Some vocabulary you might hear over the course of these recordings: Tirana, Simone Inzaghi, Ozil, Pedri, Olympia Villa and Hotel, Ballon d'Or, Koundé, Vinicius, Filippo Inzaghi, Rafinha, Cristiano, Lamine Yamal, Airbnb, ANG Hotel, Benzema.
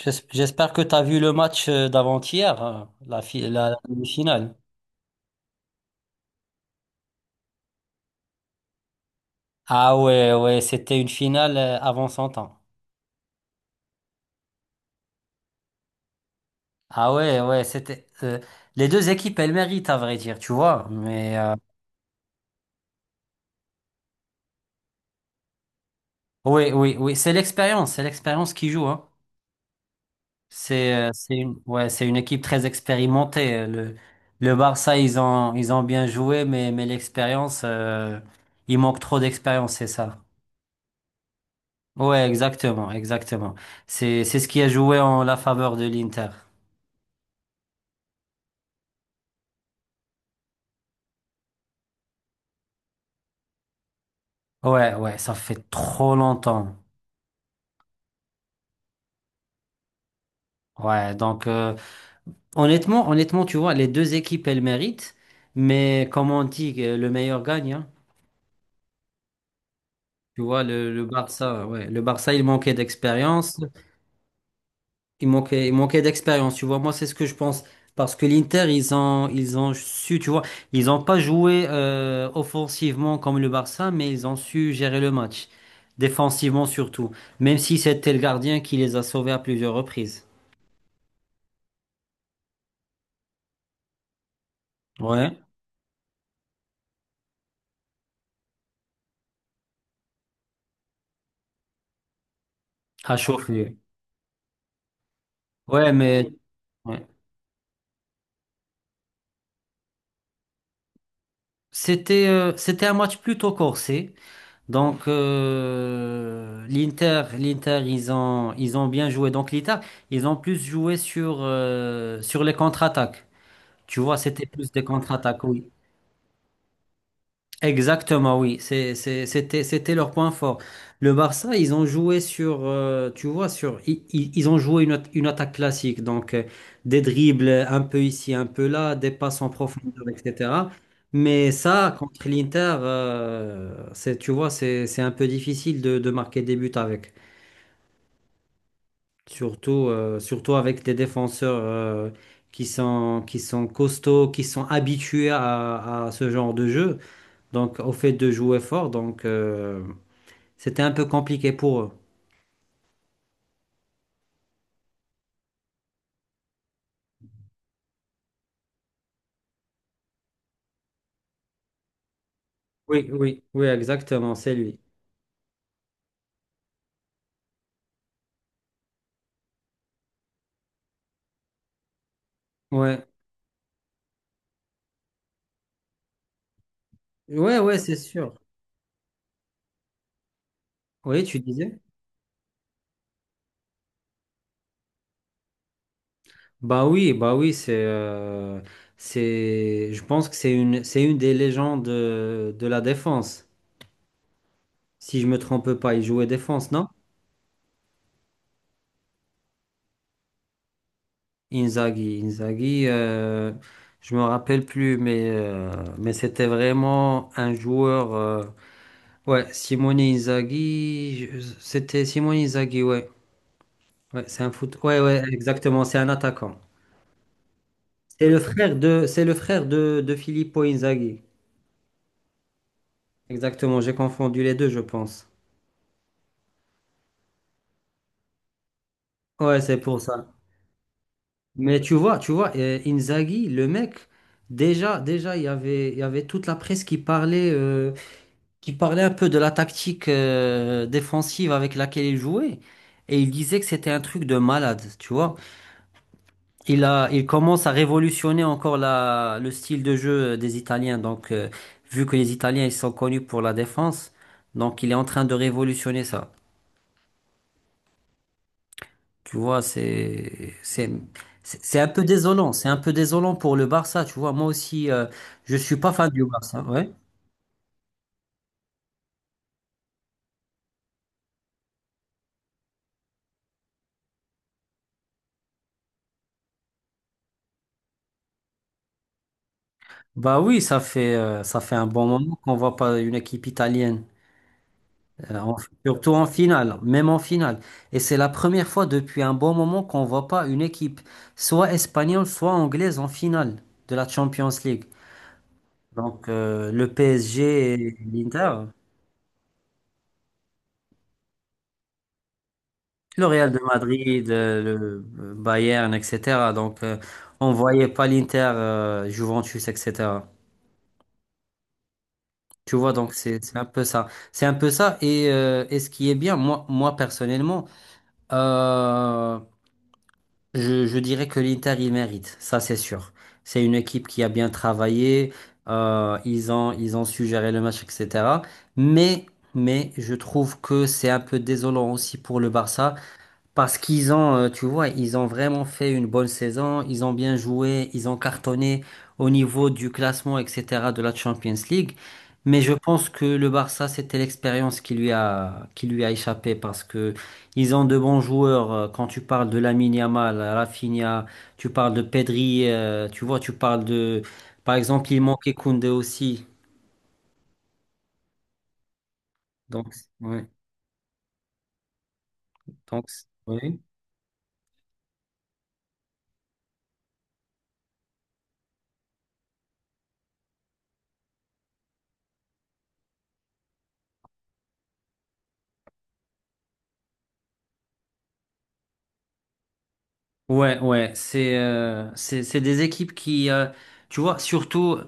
J'espère que tu as vu le match d'avant-hier, hein, la demi-finale. Ah ouais, ouais, c'était une finale avant son temps. Ah ouais, ouais, les deux équipes, elles méritent, à vrai dire, tu vois. Mais oui, oui, oui, c'est l'expérience qui joue, hein. Ouais, c'est une équipe très expérimentée. Le Barça, ils ont bien joué, mais l'expérience, il manque trop d'expérience, c'est ça. Ouais, exactement, exactement. C'est ce qui a joué en la faveur de l'Inter. Ouais, ouais, ça fait trop longtemps. Ouais, donc honnêtement, tu vois, les deux équipes, elles méritent, mais comme on dit, le meilleur gagne, hein. Tu vois, le Barça, ouais, le Barça, il manquait d'expérience. Il manquait d'expérience, tu vois. Moi, c'est ce que je pense. Parce que l'Inter, ils ont su, tu vois, ils n'ont pas joué offensivement comme le Barça, mais ils ont su gérer le match. Défensivement surtout. Même si c'était le gardien qui les a sauvés à plusieurs reprises. Ouais, à chauffer. Ouais, mais ouais. C'était un match plutôt corsé. Donc, l'Inter, ils ont bien joué. Donc, l'Inter, ils ont plus joué sur les contre-attaques. Tu vois, c'était plus des contre-attaques, oui. Exactement, oui. C'était leur point fort. Le Barça, ils ont joué sur, tu vois, sur, ont joué une attaque classique. Donc, des dribbles un peu ici, un peu là, des passes en profondeur, etc. Mais ça, contre l'Inter, tu vois, c'est un peu difficile de marquer des buts avec. Surtout avec des défenseurs, qui sont costauds, qui sont habitués à ce genre de jeu. Donc au fait de jouer fort, donc c'était un peu compliqué pour eux. Oui, oui, oui, exactement, c'est lui. Ouais, ouais, ouais, c'est sûr. Oui, tu disais? Bah oui, c'est, je pense que c'est une des légendes de la défense. Si je me trompe pas, il jouait défense, non? Inzaghi, je me rappelle plus, mais c'était vraiment un joueur. Ouais, Simone Inzaghi, c'était Simone Inzaghi, ouais. Ouais, c'est un foot. Ouais, ouais, exactement. C'est un attaquant. C'est le frère de, c'est le frère de Filippo Inzaghi. Exactement. J'ai confondu les deux, je pense. Ouais, c'est pour ça. Mais tu vois, Inzaghi, le mec, déjà, il y avait toute la presse qui parlait un peu de la tactique, défensive avec laquelle il jouait. Et il disait que c'était un truc de malade, tu vois. Il commence à révolutionner encore le style de jeu des Italiens. Donc, vu que les Italiens, ils sont connus pour la défense, donc il est en train de révolutionner ça. Tu vois, c'est un peu désolant. C'est un peu désolant pour le Barça. Tu vois, moi aussi, je suis pas fan du Barça. Ouais. Bah oui, ça fait un bon moment qu'on voit pas une équipe italienne. Euh, en- surtout en finale, même en finale. Et c'est la première fois depuis un bon moment qu'on voit pas une équipe, soit espagnole, soit anglaise, en finale de la Champions League. Donc le PSG et l'Inter, le Real de Madrid, le Bayern, etc. Donc on voyait pas l'Inter, Juventus, etc. Tu vois, donc c'est un peu ça. C'est un peu ça. Et ce qui est bien, moi personnellement, euh, je dirais que l'Inter, il mérite, ça c'est sûr. C'est une équipe qui a bien travaillé, ils ont su gérer le match, etc. Mais, mais je trouve que c'est un peu désolant aussi pour le Barça. Parce qu'ils ont, tu vois, ils ont vraiment fait une bonne saison, ils ont bien joué, ils ont cartonné au niveau du classement, etc., de la Champions League. Mais je pense que le Barça, c'était l'expérience qui lui a échappé parce que ils ont de bons joueurs. Quand tu parles de Lamine Yamal, Rafinha, tu parles de Pedri, tu vois, tu parles de, par exemple, il manquait Koundé aussi. Donc, ouais. Donc, ouais. Ouais, ouais, c'est des équipes qui, tu vois, surtout,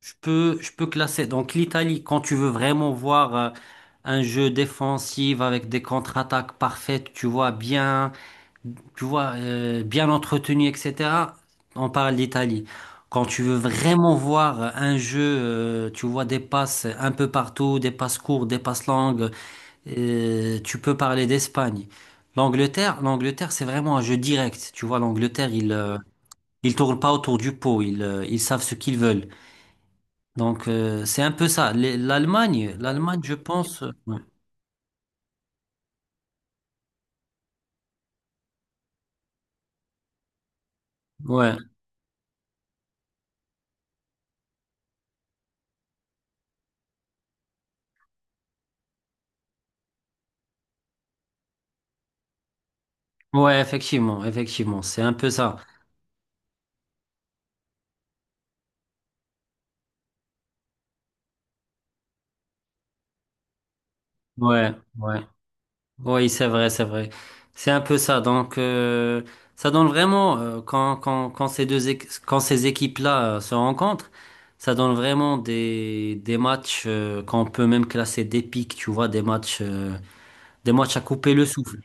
je peux classer donc l'Italie quand tu veux vraiment voir un jeu défensif avec des contre-attaques parfaites, tu vois bien entretenu, etc. On parle d'Italie. Quand tu veux vraiment voir un jeu, tu vois des passes un peu partout, des passes courtes, des passes longues, tu peux parler d'Espagne. L'Angleterre, c'est vraiment un jeu direct. Tu vois, l'Angleterre, ils tournent pas autour du pot. Ils savent ce qu'ils veulent. Donc c'est un peu ça. L'Allemagne, je pense. Ouais, ouais, ouais, effectivement, effectivement, c'est un peu ça. Ouais, ouais. Oui, c'est vrai, c'est vrai. C'est un peu ça. Donc, ça donne vraiment, quand ces équipes-là, se rencontrent, ça donne vraiment des matchs, qu'on peut même classer d'épiques, tu vois, des matchs à couper le souffle.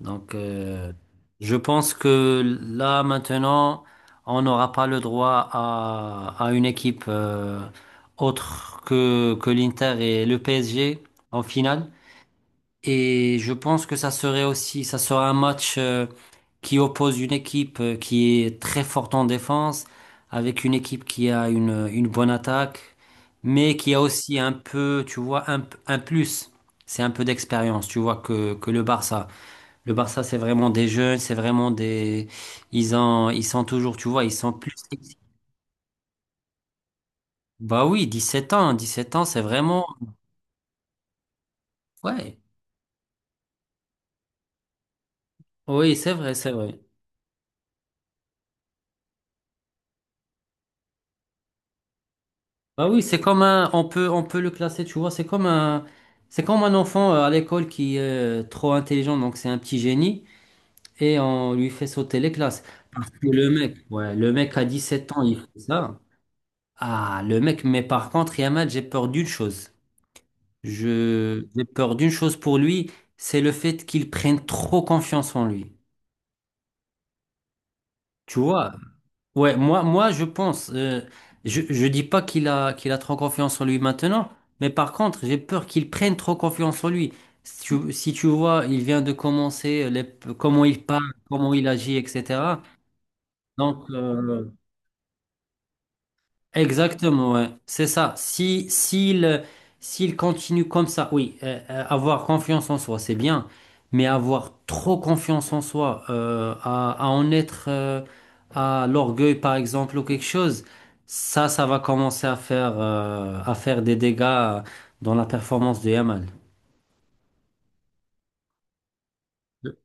Donc, je pense que là, maintenant, on n'aura pas le droit à une équipe, autre que l'Inter et le PSG en finale. Et je pense que ça serait aussi, ça sera un match qui oppose une équipe qui est très forte en défense avec une équipe qui a une bonne attaque, mais qui a aussi un peu, tu vois, un plus. C'est un peu d'expérience, tu vois, que le Barça. Le Barça, c'est vraiment des jeunes, c'est vraiment des. Ils sont toujours, tu vois, ils sont plus. Bah oui, 17 ans, 17 ans, c'est vraiment. Ouais, oui, c'est vrai, c'est vrai. Bah oui, on peut le classer, tu vois, c'est comme un enfant à l'école qui est trop intelligent, donc c'est un petit génie, et on lui fait sauter les classes. Parce que le mec, ouais, le mec à 7 ans, il fait ça. Ah, le mec, mais par contre, Yamal, j'ai peur d'une chose. J'ai peur d'une chose pour lui, c'est le fait qu'il prenne trop confiance en lui. Tu vois, ouais, moi, je pense, je dis pas qu'il a trop confiance en lui maintenant, mais par contre, j'ai peur qu'il prenne trop confiance en lui. Si tu vois, il vient de commencer, comment il parle, comment il agit, etc. Donc, exactement, ouais. C'est ça. Si, s'il, s'il continue comme ça, oui, avoir confiance en soi, c'est bien, mais avoir trop confiance en soi, à en être, à l'orgueil, par exemple, ou quelque chose, ça va commencer à faire des dégâts dans la performance de Yamal.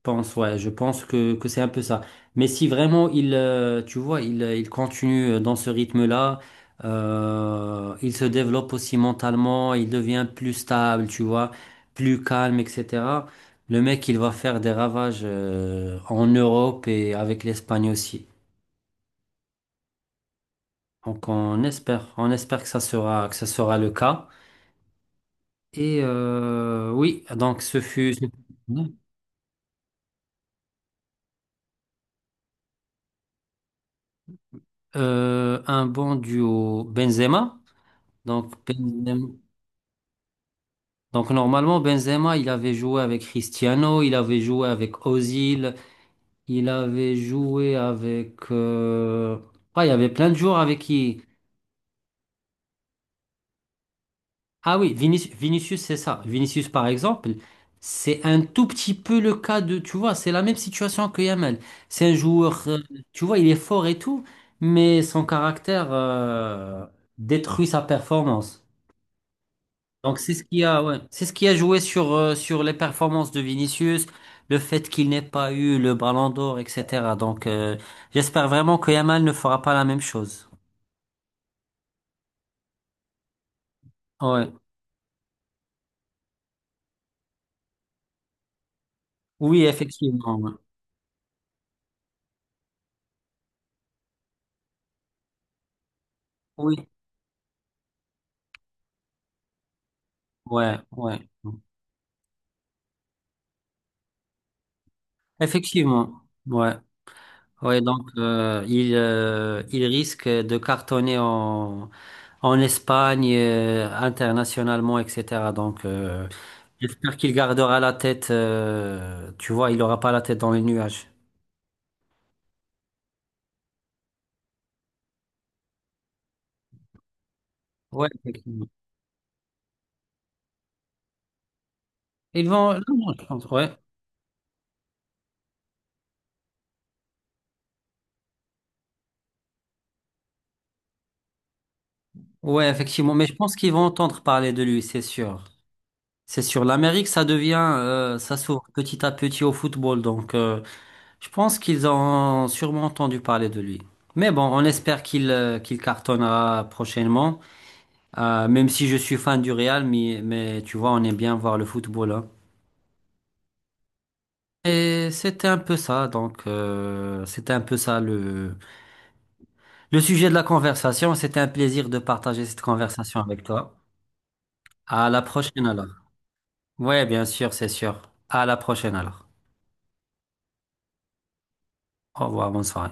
Ouais, je pense que c'est un peu ça. Mais si vraiment il, tu vois, il continue dans ce rythme-là, il se développe aussi mentalement, il devient plus stable, tu vois, plus calme, etc. Le mec, il va faire des ravages, en Europe et avec l'Espagne aussi. Donc on espère que ça sera le cas. Et oui, donc ce fut un bon duo Benzema. Donc Benzema. Donc normalement, Benzema, il avait joué avec Cristiano, il avait joué avec Ozil, il avait joué avec. Ah, il y avait plein de joueurs avec qui. Ah oui, Vinicius, c'est ça. Vinicius, par exemple, c'est un tout petit peu le cas de. Tu vois, c'est la même situation que Yamal. C'est un joueur, tu vois, il est fort et tout, mais son caractère, détruit sa performance. Donc c'est ce qui a, ouais, c'est ce qui a joué sur les performances de Vinicius, le fait qu'il n'ait pas eu le Ballon d'Or, etc. Donc j'espère vraiment que Yamal ne fera pas la même chose. Ouais. Oui, effectivement. Ouais. Oui, ouais, ouais. Effectivement. Ouais. Ouais, donc il risque de cartonner en Espagne, internationalement, etc. Donc j'espère qu'il gardera la tête, tu vois, il n'aura pas la tête dans les nuages. Ouais, effectivement. Ils vont. Non, non, je pense, ouais. Ouais, effectivement. Mais je pense qu'ils vont entendre parler de lui, c'est sûr. C'est sûr. L'Amérique, ça devient, ça s'ouvre petit à petit au football. Donc, je pense qu'ils ont sûrement entendu parler de lui. Mais bon, on espère qu'il cartonnera prochainement. Même si je suis fan du Real, mais tu vois, on aime bien voir le football, hein. Et c'était un peu ça, donc c'était un peu ça le sujet de la conversation. C'était un plaisir de partager cette conversation avec toi. À la prochaine alors. Ouais, bien sûr, c'est sûr. À la prochaine alors. Au revoir, bonne soirée.